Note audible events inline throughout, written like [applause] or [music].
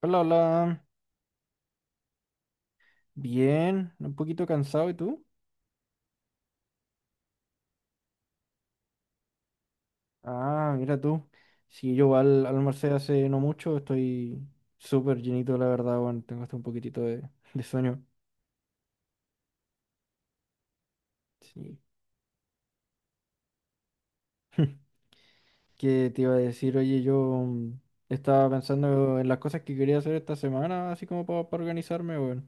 Hola, hola. Bien, un poquito cansado, ¿y tú? Ah, mira tú. Sí, yo al almorcé hace no mucho, estoy súper llenito, la verdad, bueno, tengo hasta un poquitito de sueño. Sí. [laughs] ¿Qué te iba a decir? Oye, yo mm, estaba pensando en las cosas que quería hacer esta semana, así como para, organizarme, bueno.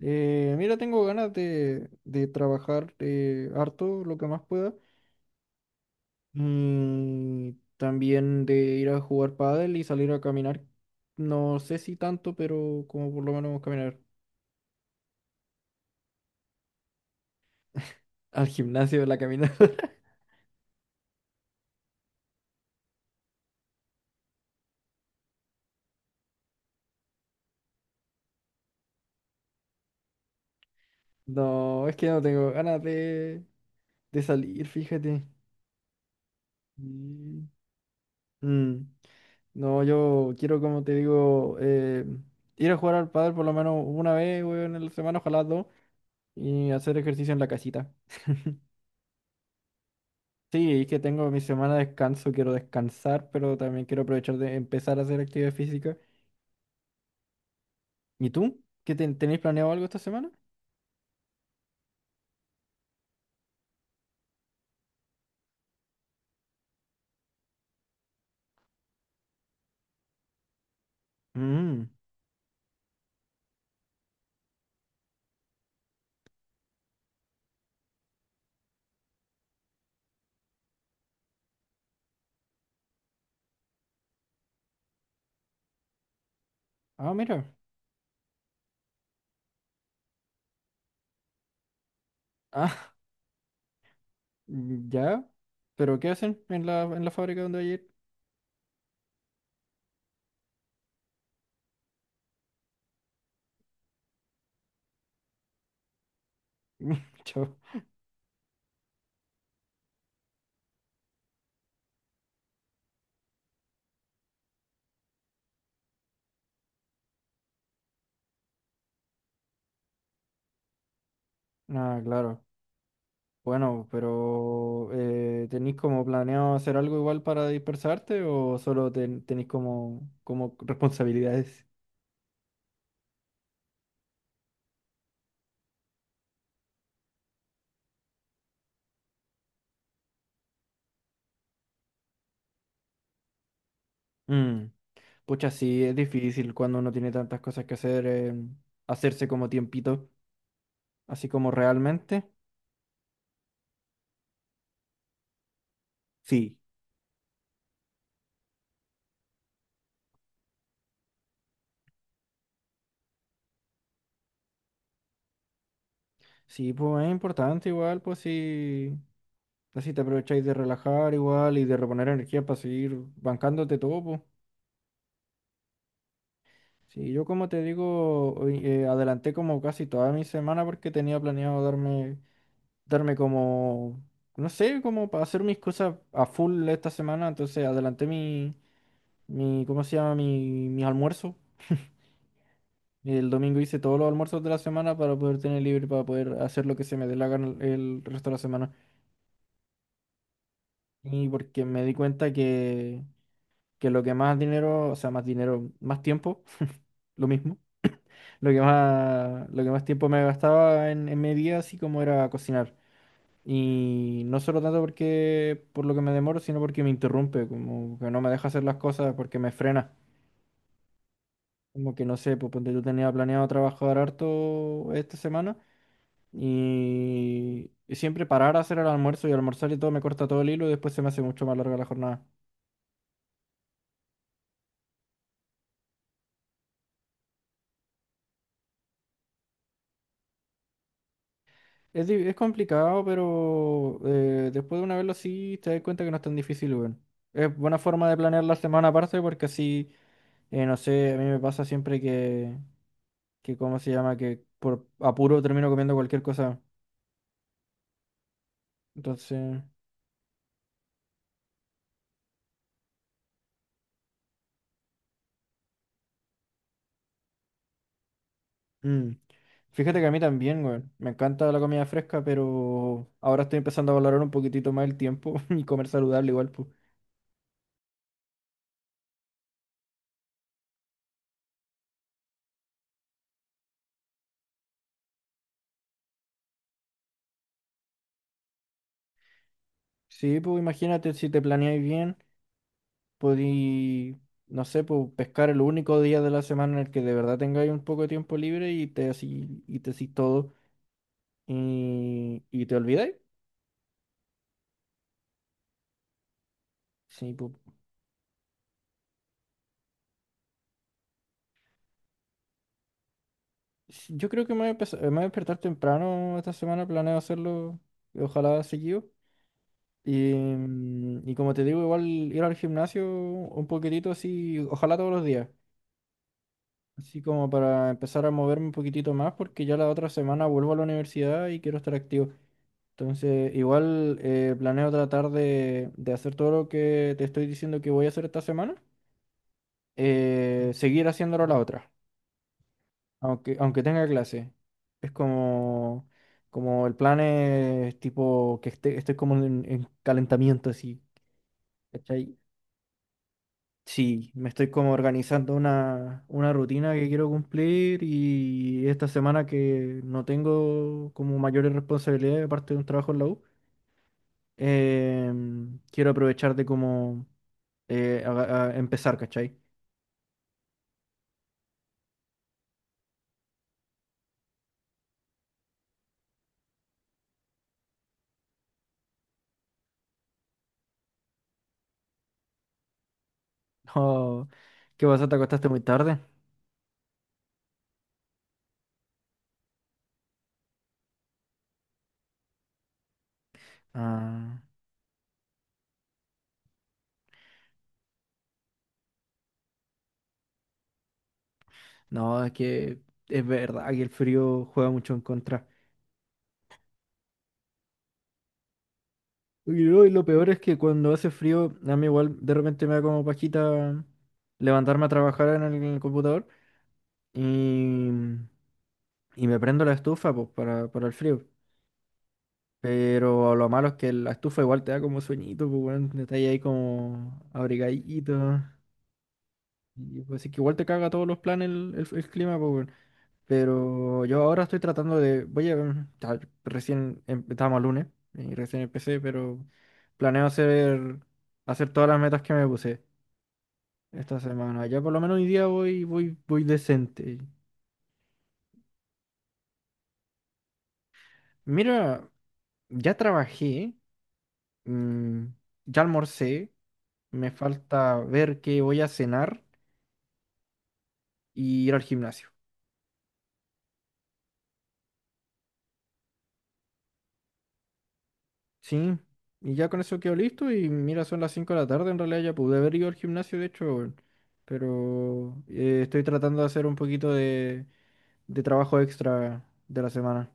Mira, tengo ganas de trabajar harto, lo que más pueda. Mm, también de ir a jugar pádel y salir a caminar. No sé si tanto, pero como por lo menos caminar al gimnasio, la caminata. [laughs] No, es que no tengo ganas de salir, fíjate. Mm. Mm, No, yo quiero, como te digo, ir a jugar al pádel por lo menos una vez, weón, en la semana, ojalá dos, y hacer ejercicio en la casita. Sí, es que tengo mi semana de descanso, quiero descansar, pero también quiero aprovechar de empezar a hacer actividad física. ¿Y tú? ¿Qué tenéis planeado algo esta semana? Mm. Ah, mira. Ah, [laughs] ya. ¿Pero qué hacen en la fábrica donde ayer? [laughs] Chao. Ah, claro. Bueno, pero ¿tenéis como planeado hacer algo igual para dispersarte o solo tenéis como, como responsabilidades? Mm. Pucha, sí, es difícil cuando uno tiene tantas cosas que hacer, hacerse como tiempito, así como realmente. Sí. Sí, pues es importante igual, pues si, así te aprovecháis de relajar igual y de reponer energía para seguir bancándote todo, pues. Sí, yo como te digo, hoy, adelanté como casi toda mi semana porque tenía planeado darme como, no sé, como para hacer mis cosas a full esta semana, entonces adelanté mi, mi, ¿cómo se llama? Mi almuerzo. El domingo hice todos los almuerzos de la semana para poder tener libre, para poder hacer lo que se me dé la gana el resto de la semana. Y porque me di cuenta que lo que más dinero, o sea, más dinero, más tiempo, [laughs] lo mismo, lo que más tiempo me gastaba en mi día, así como era cocinar. Y no solo tanto porque por lo que me demoro, sino porque me interrumpe, como que no me deja hacer las cosas porque me frena. Como que no sé, pues ponte tú tenía planeado trabajar harto esta semana y siempre parar a hacer el almuerzo y almorzar y todo me corta todo el hilo y después se me hace mucho más larga la jornada. Es, es complicado, pero después de una vez lo sí, te das cuenta que no es tan difícil, weón. Es buena forma de planear la semana aparte porque así, no sé, a mí me pasa siempre que, ¿cómo se llama? Que por apuro termino comiendo cualquier cosa. Entonces, mm. Fíjate que a mí también, weón. Me encanta la comida fresca, pero ahora estoy empezando a valorar un poquitito más el tiempo [laughs] y comer saludable igual, pues. Sí, pues imagínate si te planeáis bien. Podí, no sé, pues, pescar el único día de la semana en el que de verdad tengáis un poco de tiempo libre y te así, te hacís todo y te olvidáis. Sí, pues, sí, yo creo que me voy a me voy a despertar temprano esta semana, planeo hacerlo, ojalá seguido. Y, y como te digo, igual ir al gimnasio un poquitito así, ojalá todos los días. Así como para empezar a moverme un poquitito más, porque ya la otra semana vuelvo a la universidad y quiero estar activo. Entonces, igual planeo tratar de hacer todo lo que te estoy diciendo que voy a hacer esta semana, seguir haciéndolo la otra, aunque tenga clase. Es como, como el plan es tipo estoy como en calentamiento, así, ¿cachai? Sí, me estoy como organizando una rutina que quiero cumplir y esta semana que no tengo como mayores responsabilidades aparte de un trabajo en la U, em, quiero aprovechar de como a empezar, ¿cachai? [laughs] No, ¿qué pasa? ¿Te acostaste muy tarde? Ah, no, es que es verdad que el frío juega mucho en contra. Y lo peor es que cuando hace frío, a mí igual de repente me da como pajita levantarme a trabajar en el computador y, y me prendo la estufa pues, para el frío. Pero lo malo es que la estufa igual te da como sueñito, pues bueno, te estás ahí como abrigadito. Y pues es que igual te caga todos los planes el, el clima, pues. Pero yo ahora estoy tratando de, voy a, ya, recién estábamos el lunes y recién empecé, pero planeo hacer todas las metas que me puse esta semana. Ya por lo menos hoy día voy, voy, voy decente. Mira, ya trabajé, mm, ya almorcé, me falta ver qué voy a cenar y ir al gimnasio. Sí, y ya con eso quedó listo y mira, son las 5 de la tarde, en realidad ya pude haber ido al gimnasio, de hecho, weón. Pero estoy tratando de hacer un poquito de trabajo extra de la semana.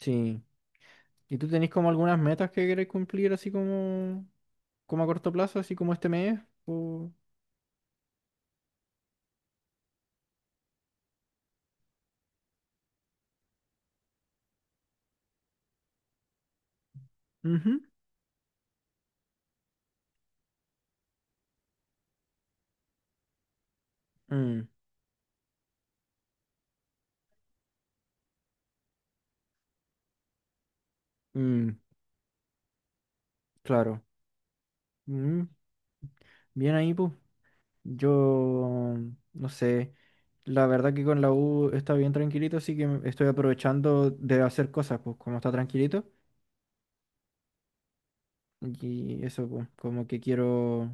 Sí, ¿y tú tenés como algunas metas que querés cumplir así como, como a corto plazo, así como este mes? O... Ujú. Mm, mm, claro. Mm, bien ahí, pues. Yo, no sé, la verdad que con la U está bien tranquilito, así que estoy aprovechando de hacer cosas, pues como está tranquilito. Y eso, pues, como que quiero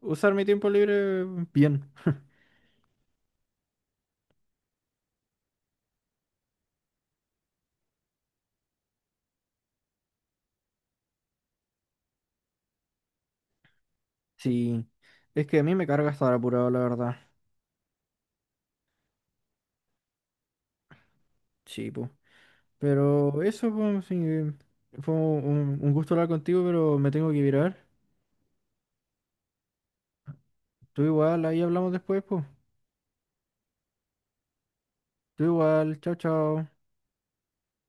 usar mi tiempo libre bien. [laughs] Sí, es que a mí me carga estar apurado, la verdad. Sí, pues. Pero eso, pues, sí, fue un gusto hablar contigo, pero me tengo que virar. Tú igual, ahí hablamos después, pues. Tú igual, chao, chao.